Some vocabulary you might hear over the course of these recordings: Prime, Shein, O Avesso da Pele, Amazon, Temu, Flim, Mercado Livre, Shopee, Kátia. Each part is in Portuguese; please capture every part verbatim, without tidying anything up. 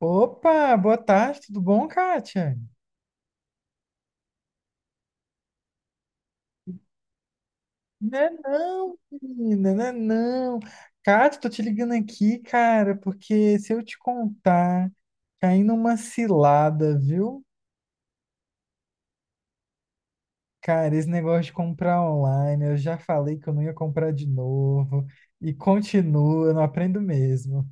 Opa, boa tarde, tudo bom, Kátia? Né não, menina, né não. Kátia, tô te ligando aqui, cara, porque se eu te contar, caí numa cilada, viu? Cara, esse negócio de comprar online, eu já falei que eu não ia comprar de novo, e continua, eu não aprendo mesmo.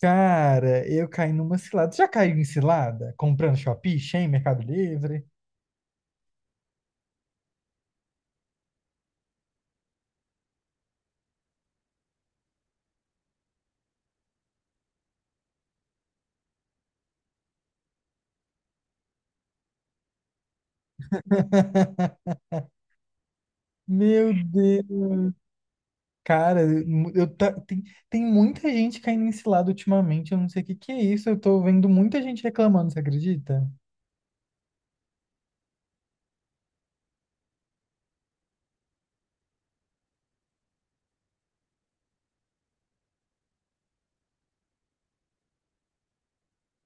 Cara, eu caí numa cilada. Já caiu em cilada? Comprando Shopee, Shein, Mercado Livre? Meu Deus. Cara, eu tá, tem, tem muita gente caindo nesse lado ultimamente, eu não sei o que que é isso, eu tô vendo muita gente reclamando, você acredita?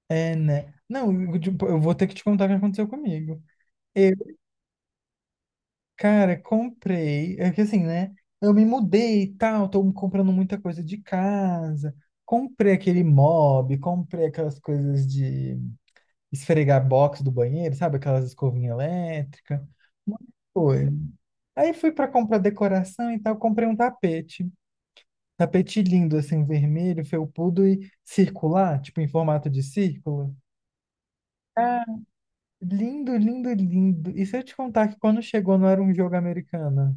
É, né? Não, eu, tipo, eu vou ter que te contar o que aconteceu comigo. Eu, cara, comprei, é que assim, né? Eu me mudei e tal, tô comprando muita coisa de casa, comprei aquele mob, comprei aquelas coisas de esfregar box do banheiro, sabe? Aquelas escovinhas elétricas, muita coisa. Aí fui pra comprar decoração e tal, comprei um tapete. Tapete lindo, assim, vermelho, felpudo e circular, tipo em formato de círculo. Ah, lindo, lindo, lindo. E se eu te contar que quando chegou não era um jogo americano?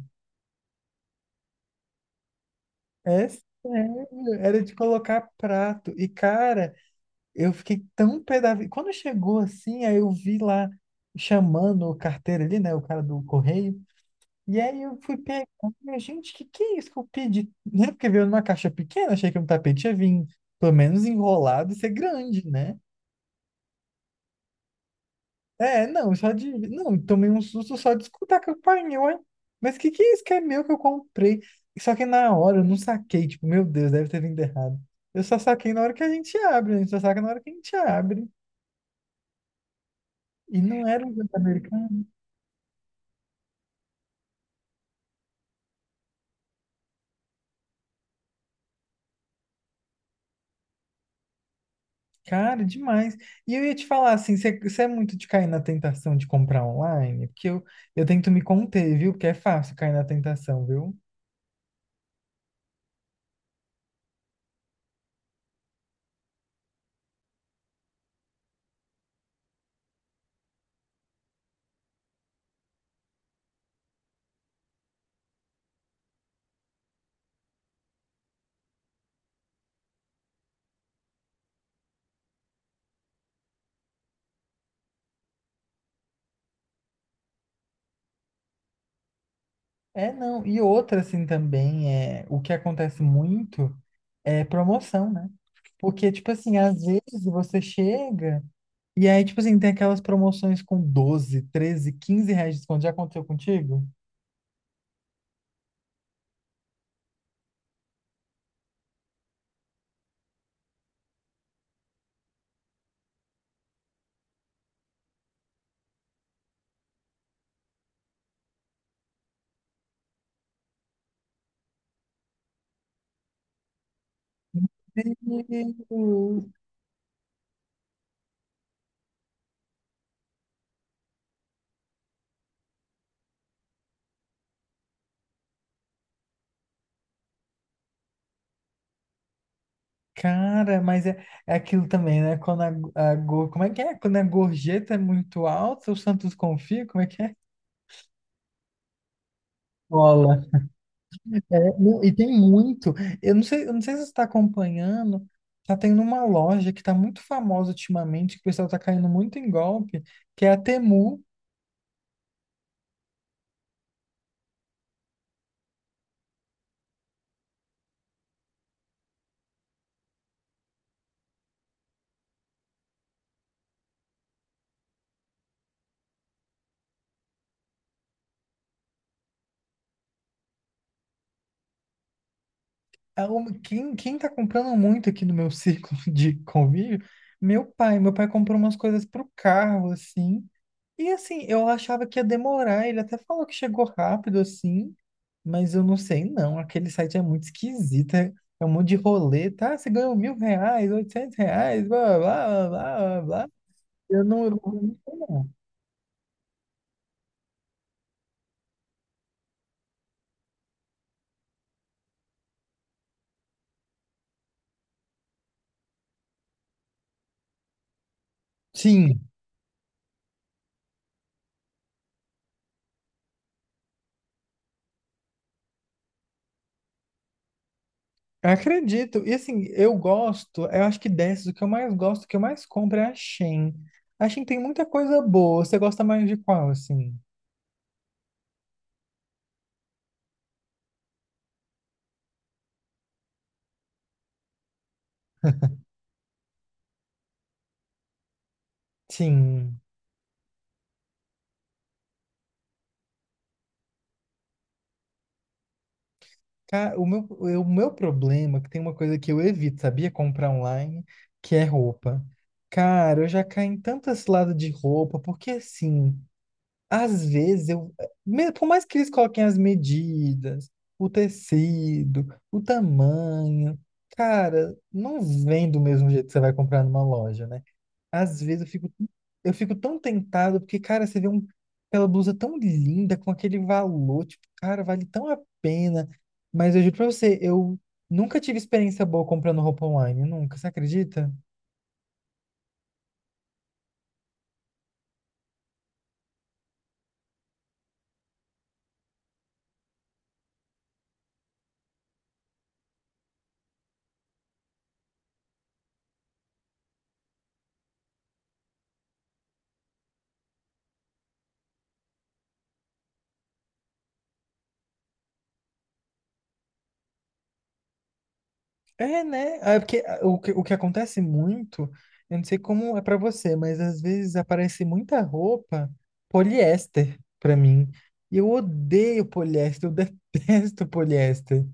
É sério, era de colocar prato. E, cara, eu fiquei tão pé da vida. Quando chegou assim, aí eu vi lá chamando o carteiro ali, né, o cara do correio. E aí eu fui pegar, falei, gente, que que é isso que eu pedi? Né? Porque veio numa caixa pequena, achei que um tapete ia vir, pelo menos enrolado, e ser grande, né? É, não, só de. Não, tomei um susto só de escutar a campainha, uai. Mas que que é isso que é meu que eu comprei? Só que na hora eu não saquei, tipo, meu Deus, deve ter vindo errado. Eu só saquei na hora que a gente abre, a gente só saca na hora que a gente abre. E não era um jantar americano. Cara, demais. E eu ia te falar assim, você você é muito de cair na tentação de comprar online? Porque eu, eu tento me conter, viu? Porque é fácil cair na tentação, viu? É, não. E outra, assim, também é o que acontece muito. É promoção, né? Porque, tipo assim, às vezes você chega e aí, tipo assim, tem aquelas promoções com doze, treze, quinze reais de desconto. Já aconteceu contigo? Deus. Cara, mas é, é aquilo também, né? Quando a, a, gor- como é que é? Quando a gorjeta é muito alta, o Santos confia, como é que é? Bola. É, não, e tem muito. Eu não sei, eu não sei se você está acompanhando. Tá tendo uma loja que tá muito famosa ultimamente, que o pessoal tá caindo muito em golpe, que é a Temu. a uma- Quem, quem tá comprando muito aqui no meu círculo de convívio? Meu pai. Meu pai comprou umas coisas pro carro, assim. E assim, eu achava que ia demorar. Ele até falou que chegou rápido, assim. Mas eu não sei, não. Aquele site é muito esquisito. É é um monte de rolê, tá? Você ganhou mil reais, oitocentos reais, blá, blá, blá, blá, blá, blá. Eu não, eu não sei, não. Sim. Acredito. E assim, eu gosto, eu acho que dessas, o que eu mais gosto, o que eu mais compro é a Shein. A Shein tem muita coisa boa. Você gosta mais de qual, assim? Sim. Ca- O meu, o meu problema é que tem uma coisa que eu evito, sabia? Comprar online, que é roupa. Cara, eu já caí em tantas lados de roupa, porque assim. Às vezes eu, me- por mais que eles coloquem as medidas, o tecido, o tamanho, cara, não vem do mesmo jeito que você vai comprar numa loja, né? Às vezes eu fico, eu fico tão tentado, porque, cara, você vê um, aquela blusa tão linda, com aquele valor, tipo, cara, vale tão a pena. Mas eu juro pra você, eu nunca tive experiência boa comprando roupa online, nunca, você acredita? É, né? Ah, é porque ah, o que, o que acontece muito, eu não sei como é pra você, mas às vezes aparece muita roupa poliéster pra mim. E eu odeio poliéster, eu detesto poliéster.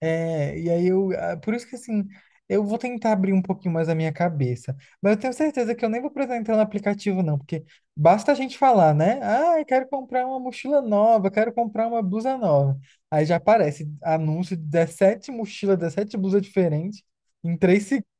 É, e aí eu, ah, por isso que assim, eu vou tentar abrir um pouquinho mais a minha cabeça, mas eu tenho certeza que eu nem vou precisar entrar no aplicativo não, porque basta a gente falar, né? Ah, eu quero comprar uma mochila nova, quero comprar uma blusa nova. Aí já aparece anúncio de dezessete mochilas, dezessete blusas diferentes em três segundos.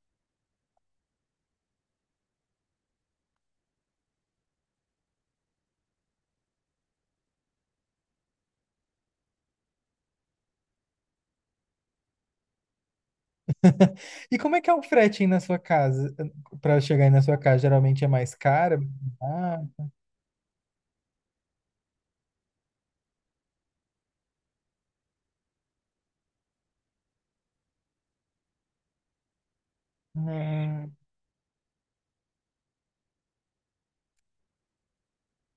E como é que é o frete aí na sua casa? Para chegar aí na sua casa, geralmente é mais caro? Ah, né?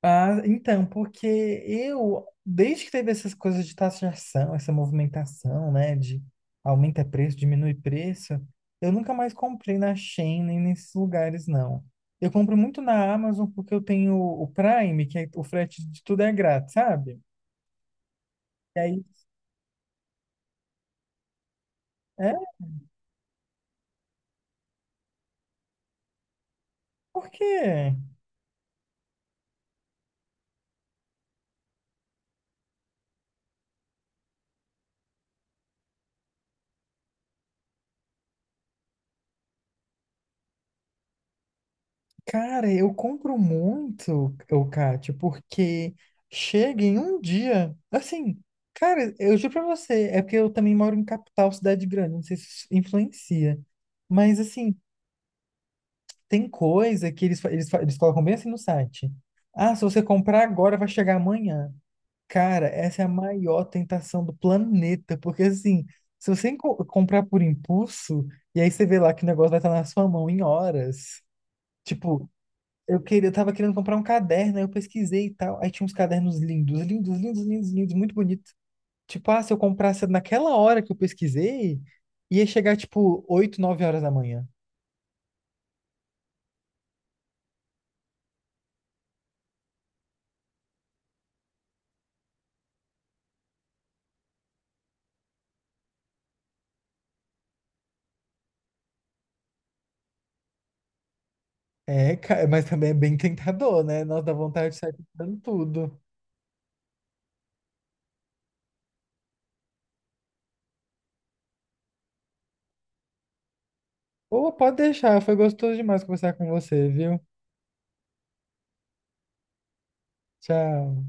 Ah, então, porque eu, desde que teve essas coisas de taxação, essa movimentação, né, de aumenta preço, diminui preço, eu nunca mais comprei na Shein nem nesses lugares, não. Eu compro muito na Amazon porque eu tenho o Prime, que é, o frete de tudo é grátis, sabe? E aí, é, por quê? Cara, eu compro muito, o Kátia, porque chega em um dia, assim, cara, eu juro pra você, é porque eu também moro em capital, cidade grande, não sei se isso influencia, mas assim, tem coisa que eles, fa- eles, fa- eles colocam bem assim no site. Ah, se você comprar agora, vai chegar amanhã. Cara, essa é a maior tentação do planeta, porque assim, se você enco- comprar por impulso, e aí você vê lá que o negócio vai estar na sua mão em horas. Tipo, eu queria, eu tava querendo comprar um caderno, aí eu pesquisei e tal. Aí tinha uns cadernos lindos, lindos, lindos, lindos, lindos, muito bonitos. Tipo, ah, se eu comprasse naquela hora que eu pesquisei, ia chegar tipo oito nove horas da manhã. É, ca- mas também é bem tentador, né? Nossa, dá vontade de sair comprando tudo. Ou pode deixar, foi gostoso demais conversar com você, viu? Tchau.